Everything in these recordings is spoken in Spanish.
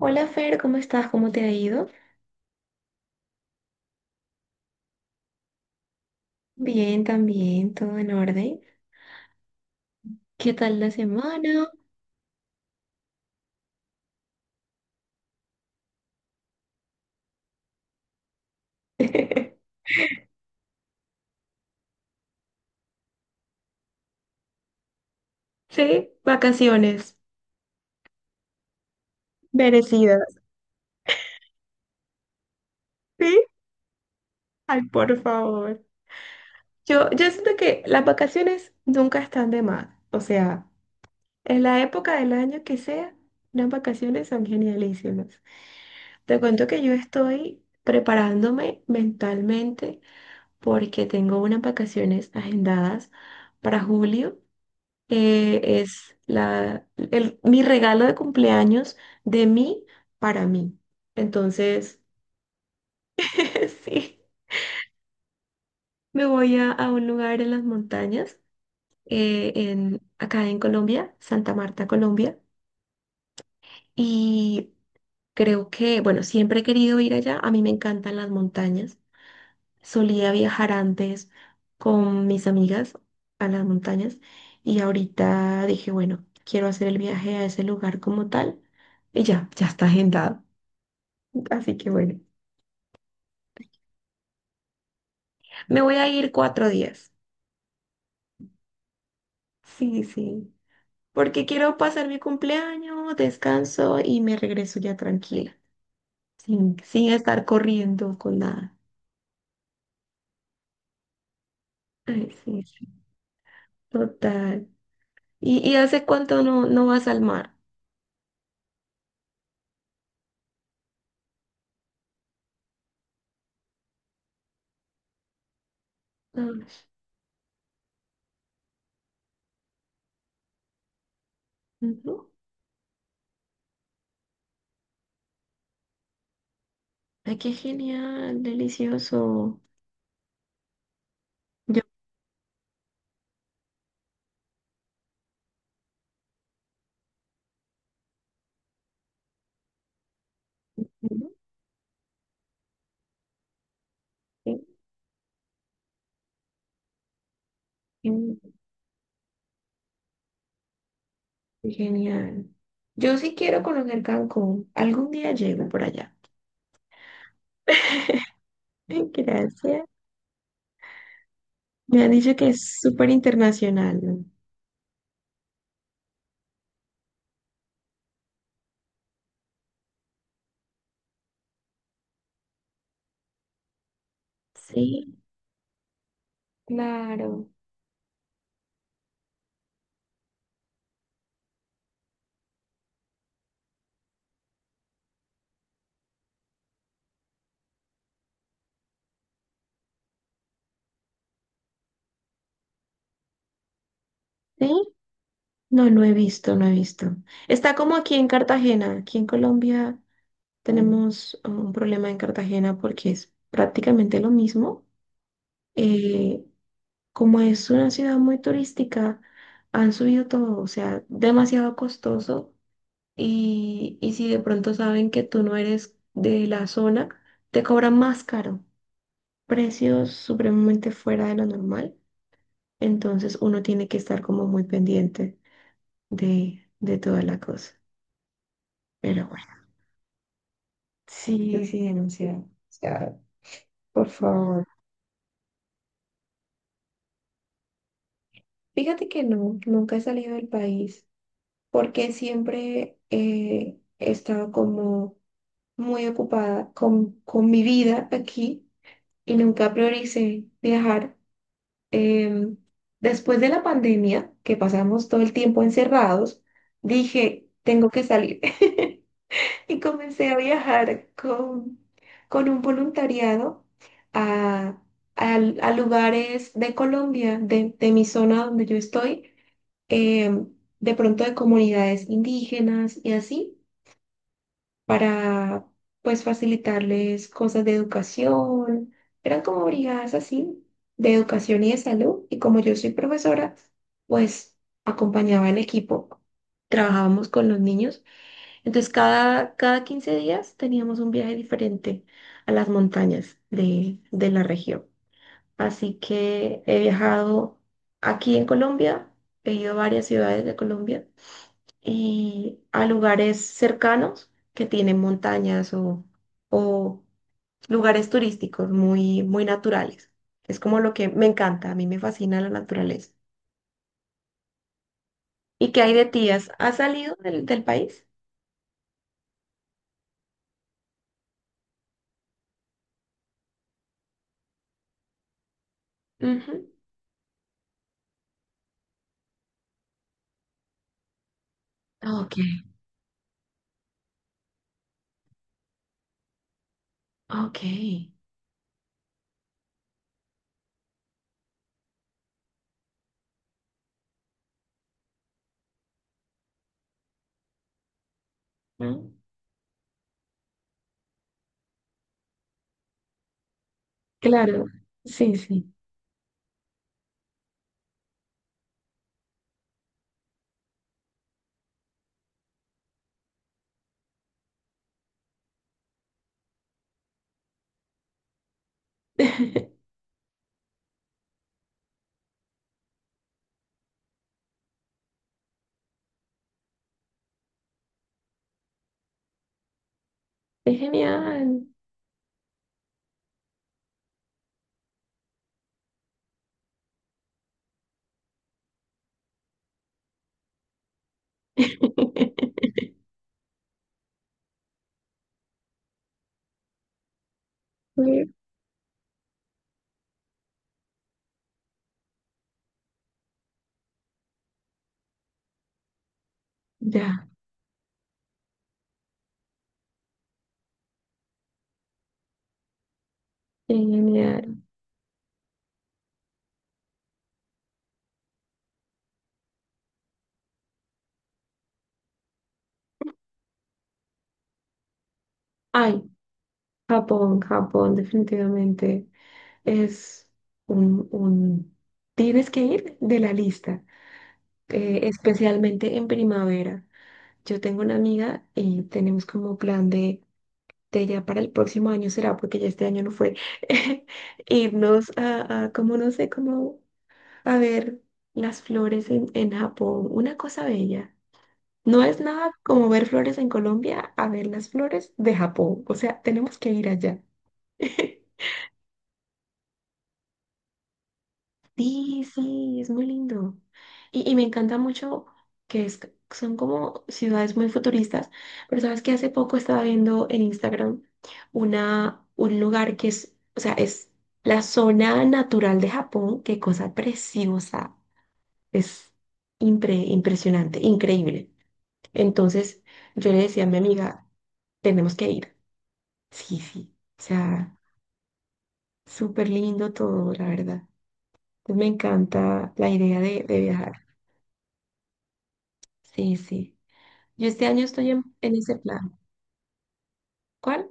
Hola Fer, ¿cómo estás? ¿Cómo te ha ido? Bien, también, todo en orden. ¿Qué tal la semana? Sí, vacaciones merecidas. Sí, ay, por favor. Yo siento que las vacaciones nunca están de más. O sea, en la época del año que sea, las vacaciones son genialísimas. Te cuento que yo estoy preparándome mentalmente porque tengo unas vacaciones agendadas para julio, es mi regalo de cumpleaños de mí para mí. Entonces, sí, me voy a un lugar en las montañas, en, acá en Colombia, Santa Marta, Colombia, y creo que, bueno, siempre he querido ir allá, a mí me encantan las montañas, solía viajar antes con mis amigas a las montañas y ahorita dije, bueno, quiero hacer el viaje a ese lugar como tal. Y ya, ya está agendado. Así que bueno, me voy a ir 4 días. Sí, sí. Porque quiero pasar mi cumpleaños, descanso y me regreso ya tranquila, sin, sin estar corriendo con nada. Ay, sí, sí, total. Y hace cuánto no, no vas al mar? Ay, ujú. Ay, qué genial, delicioso. Yo, sí, sí, qué genial. Yo sí quiero conocer Cancún. Algún día llego por allá. Gracias. Me han dicho que es súper internacional, ¿no? Sí, claro. ¿Sí? No, no he visto, no he visto. Está como aquí en Cartagena. Aquí en Colombia tenemos ah, un problema en Cartagena porque es prácticamente lo mismo. Eh, como es una ciudad muy turística, han subido todo, o sea, demasiado costoso. Y si de pronto saben que tú no eres de la zona, te cobran más caro. Precios supremamente fuera de lo normal. Entonces uno tiene que estar como muy pendiente de toda la cosa. Pero bueno, sí, sí, denunciado. O sea, por favor. Fíjate que no, nunca he salido del país porque siempre he estado como muy ocupada con mi vida aquí y nunca prioricé viajar. Em, después de la pandemia, que pasamos todo el tiempo encerrados, dije, tengo que salir. Y comencé a viajar con un voluntariado a, a lugares de Colombia, de mi zona donde yo estoy, em, de pronto de comunidades indígenas y así, para pues facilitarles cosas de educación. Eran como brigadas así, de educación y de salud. Y como yo soy profesora, pues acompañaba al equipo, trabajábamos con los niños. Entonces, cada, cada 15 días teníamos un viaje diferente a las montañas de la región. Así que he viajado aquí en Colombia, he ido a varias ciudades de Colombia y a lugares cercanos que tienen montañas o lugares turísticos muy, muy naturales. Es como lo que me encanta, a mí me fascina la naturaleza. ¿Y qué hay de tías? ¿Has salido del, del país? Ujú. Ok, ok. Mm. Claro, sí, sí. Es genial. Sí. Ya, qué genial. Ay, Japón, Japón, definitivamente es un... Tienes que ir de la lista, especialmente en primavera. Yo tengo una amiga y tenemos como plan de ya para el próximo año será, porque ya este año no fue, irnos a como no sé, como a ver las flores en Japón, una cosa bella. No es nada como ver flores en Colombia a ver las flores de Japón. O sea, tenemos que ir allá. Sí, sí, es muy lindo. Y me encanta mucho que es- son como ciudades muy futuristas, pero sabes que hace poco estaba viendo en Instagram una, un lugar que es, o sea, es la zona natural de Japón, qué cosa preciosa, es impresionante, increíble. Entonces yo le decía a mi amiga, tenemos que ir. Sí, sí. O sea, súper lindo todo, la verdad. Pues me encanta la idea de viajar. Sí, sí. Yo este año estoy en ese plan. ¿Cuál?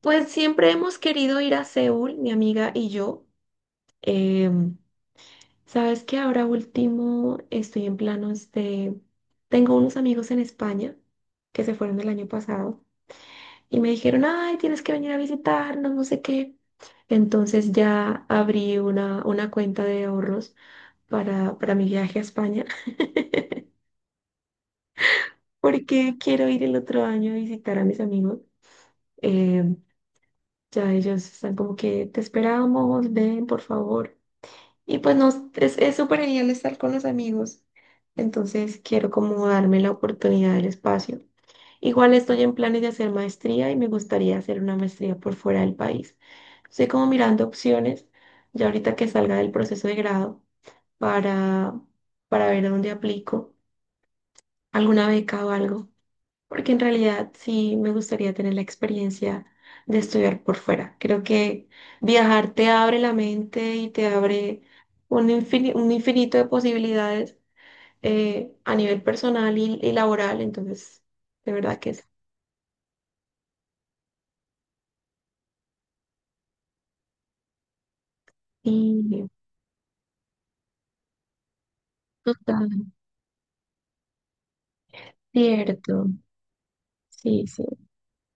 Pues siempre hemos querido ir a Seúl, mi amiga y yo. Em, sabes que ahora último estoy en planos de... Tengo unos amigos en España que se fueron el año pasado. Y me dijeron, ay, tienes que venir a visitarnos, no sé qué. Entonces ya abrí una cuenta de ahorros para mi viaje a España, porque quiero ir el otro año a visitar a mis amigos. Eh, ya ellos están como que te esperamos, ven, por favor. Y pues no, es súper genial estar con los amigos. Entonces quiero como darme la oportunidad del espacio. Igual estoy en planes de hacer maestría y me gustaría hacer una maestría por fuera del país. Estoy como mirando opciones, ya ahorita que salga del proceso de grado, para, para ver a dónde aplico alguna beca o algo, porque en realidad sí me gustaría tener la experiencia de estudiar por fuera. Creo que viajar te abre la mente y te abre un infinito de posibilidades, a nivel personal y laboral, entonces de verdad que sí. Total, cierto. Sí, sí.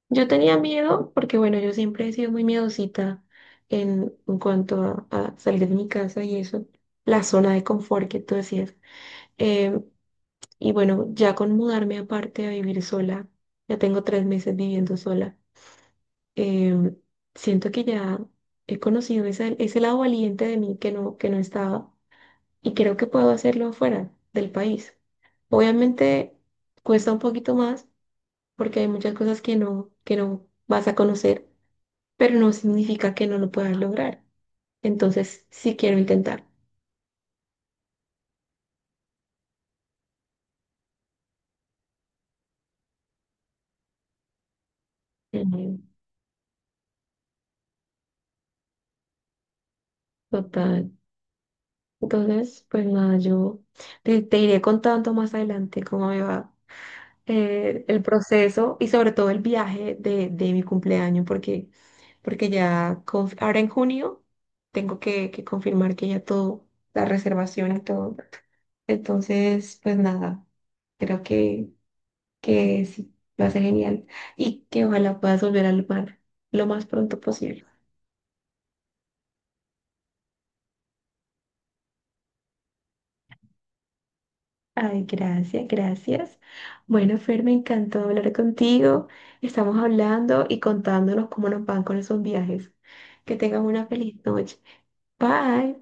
Yo tenía miedo porque, bueno, yo siempre he sido muy miedosita en cuanto a salir de mi casa y eso, la zona de confort que tú decías. Eh, y bueno, ya con mudarme aparte a vivir sola, ya tengo 3 meses viviendo sola, eh, siento que ya he conocido ese, ese lado valiente de mí que no estaba y creo que puedo hacerlo fuera del país. Obviamente cuesta un poquito más porque hay muchas cosas que no vas a conocer, pero no significa que no lo puedas lograr. Entonces, sí quiero intentar. Ujú, total. Entonces, pues nada, yo te, te iré contando más adelante cómo me va, el proceso y sobre todo el viaje de mi cumpleaños, porque, porque ya ahora en junio tengo que confirmar que ya todo, la reservación y todo. Entonces, pues nada, creo que sí, va a ser genial y que ojalá puedas volver al mar lo más pronto posible. Ay, gracias, gracias. Bueno, Fer, me encantó hablar contigo. Estamos hablando y contándonos cómo nos van con esos viajes. Que tengas una feliz noche. Bye.